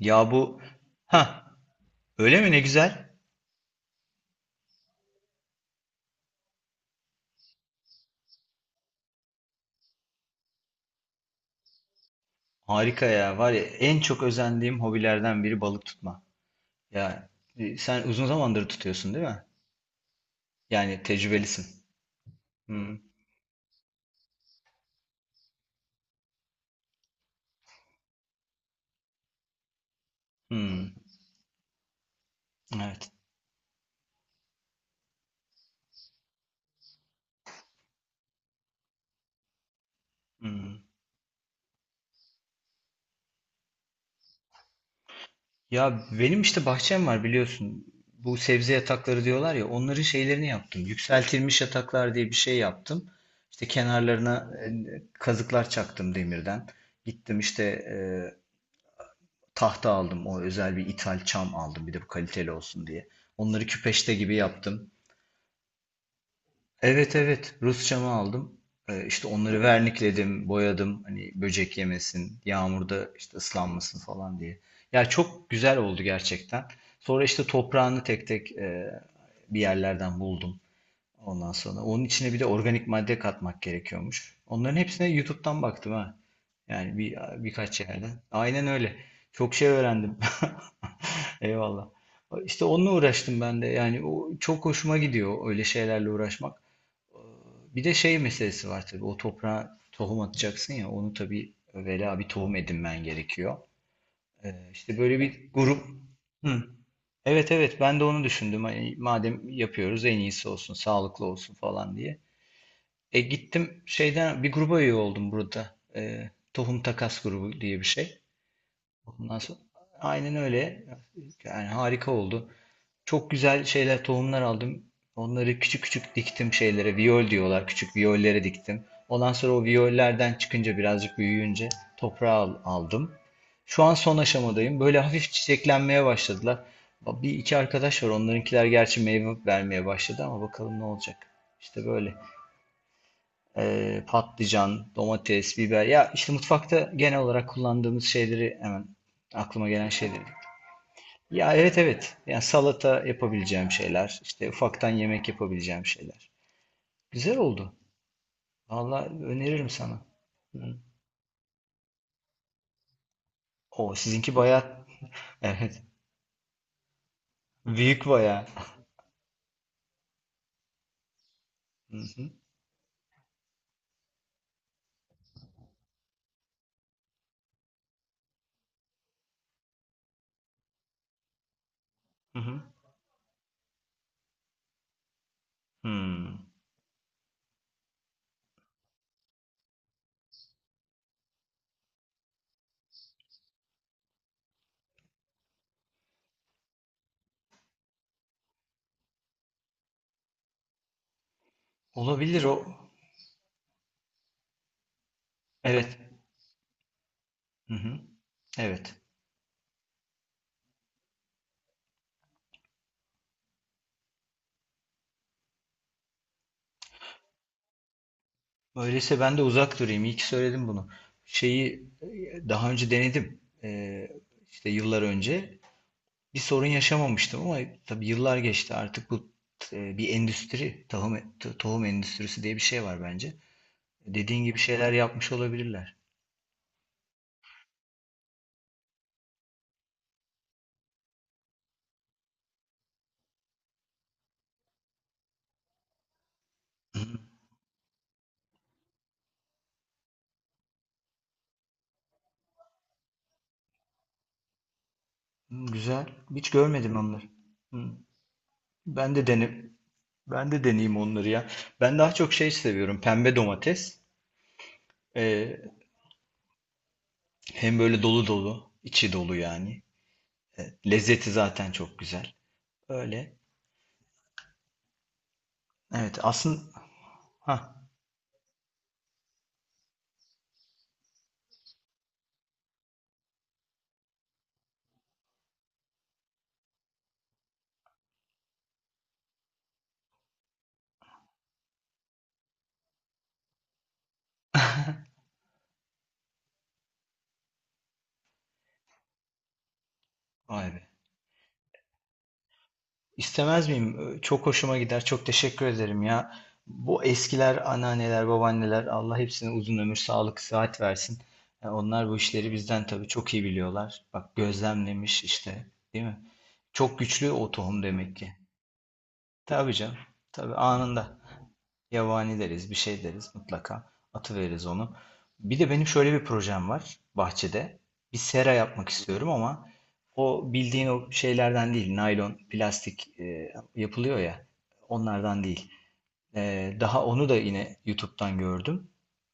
Ya bu, ha, öyle mi, ne güzel. Harika ya. Var ya en çok özendiğim hobilerden biri balık tutma. Ya sen uzun zamandır tutuyorsun değil mi? Yani tecrübelisin. Hmm, hmm, evet. Hmm. Ya benim işte bahçem var biliyorsun. Bu sebze yatakları diyorlar ya onların şeylerini yaptım. Yükseltilmiş yataklar diye bir şey yaptım. İşte kenarlarına kazıklar çaktım demirden. Gittim işte, tahta aldım. O özel bir ithal çam aldım. Bir de bu kaliteli olsun diye. Onları küpeşte gibi yaptım. Evet evet. Rus çamı aldım. İşte onları vernikledim, boyadım. Hani böcek yemesin, yağmurda işte ıslanmasın falan diye. Ya çok güzel oldu gerçekten. Sonra işte toprağını tek tek bir yerlerden buldum. Ondan sonra onun içine bir de organik madde katmak gerekiyormuş. Onların hepsine YouTube'dan baktım ha. Yani birkaç yerden. Aynen öyle. Çok şey öğrendim. Eyvallah. İşte onunla uğraştım ben de. Yani o çok hoşuma gidiyor öyle şeylerle uğraşmak. Bir de şey meselesi var tabii. O toprağa tohum atacaksın ya. Onu tabii evvela bir tohum edinmen gerekiyor. İşte böyle bir grup. Hı. Evet evet, ben de onu düşündüm. Hani madem yapıyoruz en iyisi olsun, sağlıklı olsun falan diye. Gittim şeyden bir gruba üye oldum burada. Tohum Takas grubu diye bir şey. Ondan sonra aynen öyle. Yani harika oldu. Çok güzel şeyler, tohumlar aldım. Onları küçük küçük diktim şeylere. Viyol diyorlar. Küçük viyollere diktim. Ondan sonra o viyollerden çıkınca birazcık büyüyünce toprağa aldım. Şu an son aşamadayım. Böyle hafif çiçeklenmeye başladılar. Bir iki arkadaş var. Onlarınkiler gerçi meyve vermeye başladı ama bakalım ne olacak. İşte böyle. Patlıcan, domates, biber. Ya işte mutfakta genel olarak kullandığımız şeyleri hemen aklıma gelen şeyleri. Ya evet evet. Yani salata yapabileceğim şeyler, işte ufaktan yemek yapabileceğim şeyler. Güzel oldu. Valla öneririm sana. Hı. O sizinki bayağı. Evet. Büyük bayağı. Hı hı. Hı hı. Hmm. Olabilir o. Evet. Hı hı. Evet. Öyleyse ben de uzak durayım. İyi ki söyledim bunu. Şeyi daha önce denedim. İşte yıllar önce. Bir sorun yaşamamıştım ama tabii yıllar geçti. Artık bu bir endüstri. Tohum, tohum endüstrisi diye bir şey var bence. Dediğin gibi şeyler yapmış olabilirler. Hı, güzel. Hiç görmedim onları. Hı, ben de dene, ben de deneyeyim onları ya. Ben daha çok şey seviyorum. Pembe domates. Ee, hem böyle dolu dolu, içi dolu yani. Lezzeti zaten çok güzel. Öyle. Evet aslında. Ha, vay be. İstemez miyim? Çok hoşuma gider. Çok teşekkür ederim ya. Bu eskiler, anneanneler, babaanneler Allah hepsine uzun ömür, sağlık, sıhhat versin. Ya onlar bu işleri bizden tabii çok iyi biliyorlar. Bak gözlemlemiş işte, değil mi? Çok güçlü o tohum demek ki. Tabii canım. Tabii anında. Yabani deriz, bir şey deriz mutlaka. Atıveririz onu. Bir de benim şöyle bir projem var bahçede. Bir sera yapmak istiyorum ama o bildiğin o şeylerden değil. Naylon, plastik yapılıyor ya. Onlardan değil. Daha onu da yine YouTube'dan gördüm.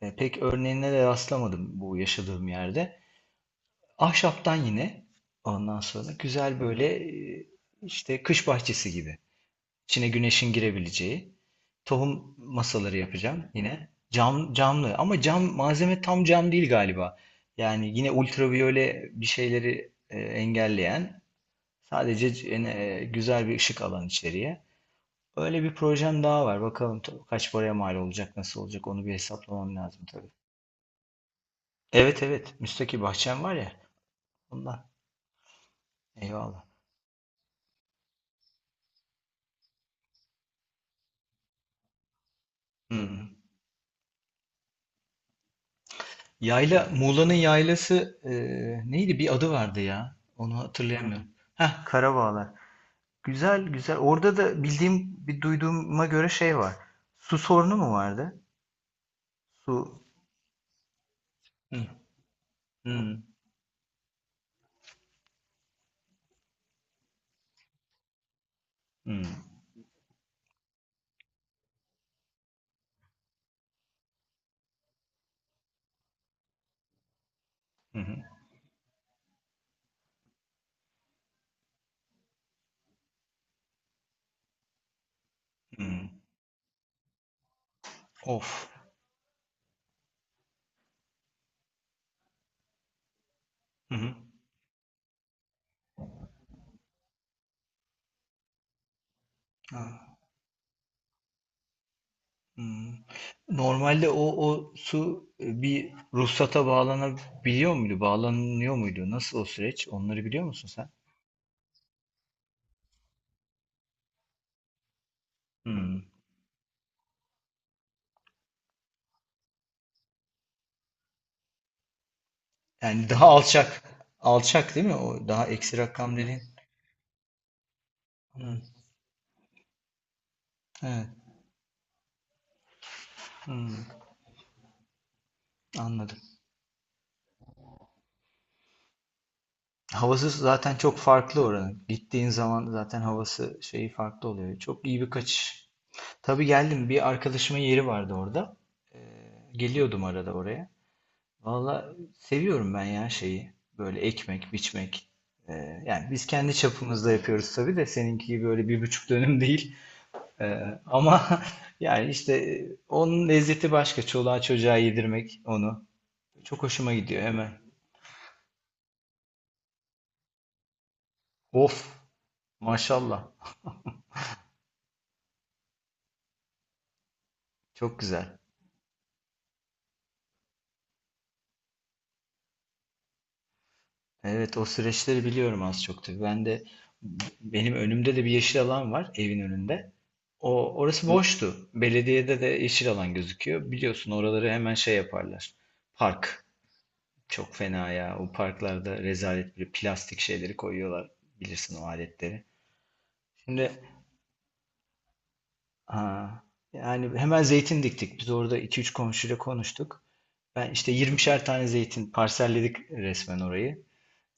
Pek örneğine de rastlamadım bu yaşadığım yerde. Ahşaptan yine ondan sonra güzel böyle e, işte kış bahçesi gibi. İçine güneşin girebileceği. Tohum masaları yapacağım yine. Cam, camlı ama cam malzeme tam cam değil galiba. Yani yine ultraviyole bir şeyleri engelleyen sadece güzel bir ışık alan içeriye. Öyle bir projem daha var. Bakalım kaç paraya mal olacak, nasıl olacak onu bir hesaplamam lazım tabii. Evet evet, müstakil bahçem var ya ondan. Eyvallah. Hı, hı. Yayla, Muğla'nın yaylası neydi? Bir adı vardı ya. Onu hatırlayamıyorum. Heh, Karabağlar. Güzel güzel. Orada da bildiğim bir duyduğuma göre şey var. Su sorunu mu vardı? Su. Hı hı, hı hı, hı. Of. Hı hı. Ha, hı. Normalde o su bir ruhsata bağlanabiliyor muydu? Bağlanıyor muydu? Nasıl o süreç? Onları biliyor musun sen? Hı. Yani daha alçak. Alçak değil mi? O daha eksi rakam dediğin. Hı. Evet. Hı. Anladım. Havası zaten çok farklı oranın. Gittiğin zaman zaten havası şeyi farklı oluyor. Çok iyi bir kaçış. Tabii geldim. Bir arkadaşımın yeri vardı orada. Ee, geliyordum arada oraya. Valla seviyorum ben ya şeyi. Böyle ekmek, biçmek. Yani biz kendi çapımızda yapıyoruz tabii de seninki gibi öyle 1,5 dönüm değil. Ee, ama yani işte onun lezzeti başka. Çoluğa çocuğa yedirmek onu. Çok hoşuma gidiyor hemen. Of, maşallah. Çok güzel. Evet, o süreçleri biliyorum az çok tabii. Ben de benim önümde de bir yeşil alan var evin önünde. O orası, hı, boştu. Belediyede de yeşil alan gözüküyor. Biliyorsun oraları hemen şey yaparlar. Park. Çok fena ya. O parklarda rezalet bir plastik şeyleri koyuyorlar. Bilirsin o aletleri. Şimdi, ha, yani hemen zeytin diktik. Biz orada iki üç komşuyla konuştuk. Ben işte 20'şer tane zeytin parselledik resmen orayı.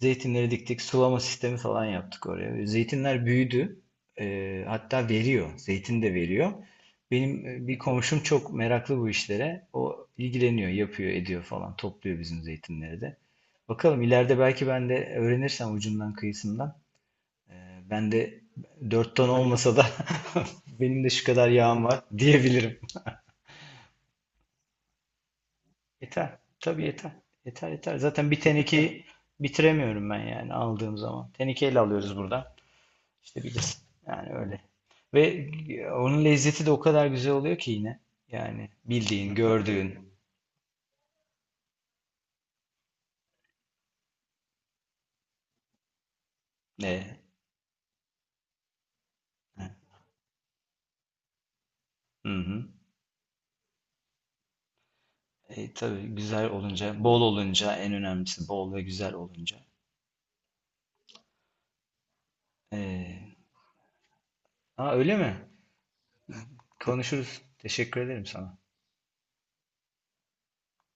Zeytinleri diktik, sulama sistemi falan yaptık oraya. Zeytinler büyüdü. Hatta veriyor. Zeytin de veriyor. Benim bir komşum çok meraklı bu işlere. O ilgileniyor, yapıyor, ediyor falan. Topluyor bizim zeytinleri de. Bakalım ileride belki ben de öğrenirsem ucundan kıyısından. e, ben de 4 ton olmasa da benim de şu kadar yağım var diyebilirim. Yeter. Tabii yeter. Yeter yeter. Zaten bir tenekeyi bitiremiyorum ben yani aldığım zaman. Tenekeyle alıyoruz buradan. İşte bilirsin. Yani öyle. Ve onun lezzeti de o kadar güzel oluyor ki yine. Yani bildiğin, gördüğün. Ne? Hı hı. Tabii güzel olunca, bol olunca en önemlisi bol ve güzel olunca. E, ha öyle mi? Konuşuruz. Teşekkür ederim sana.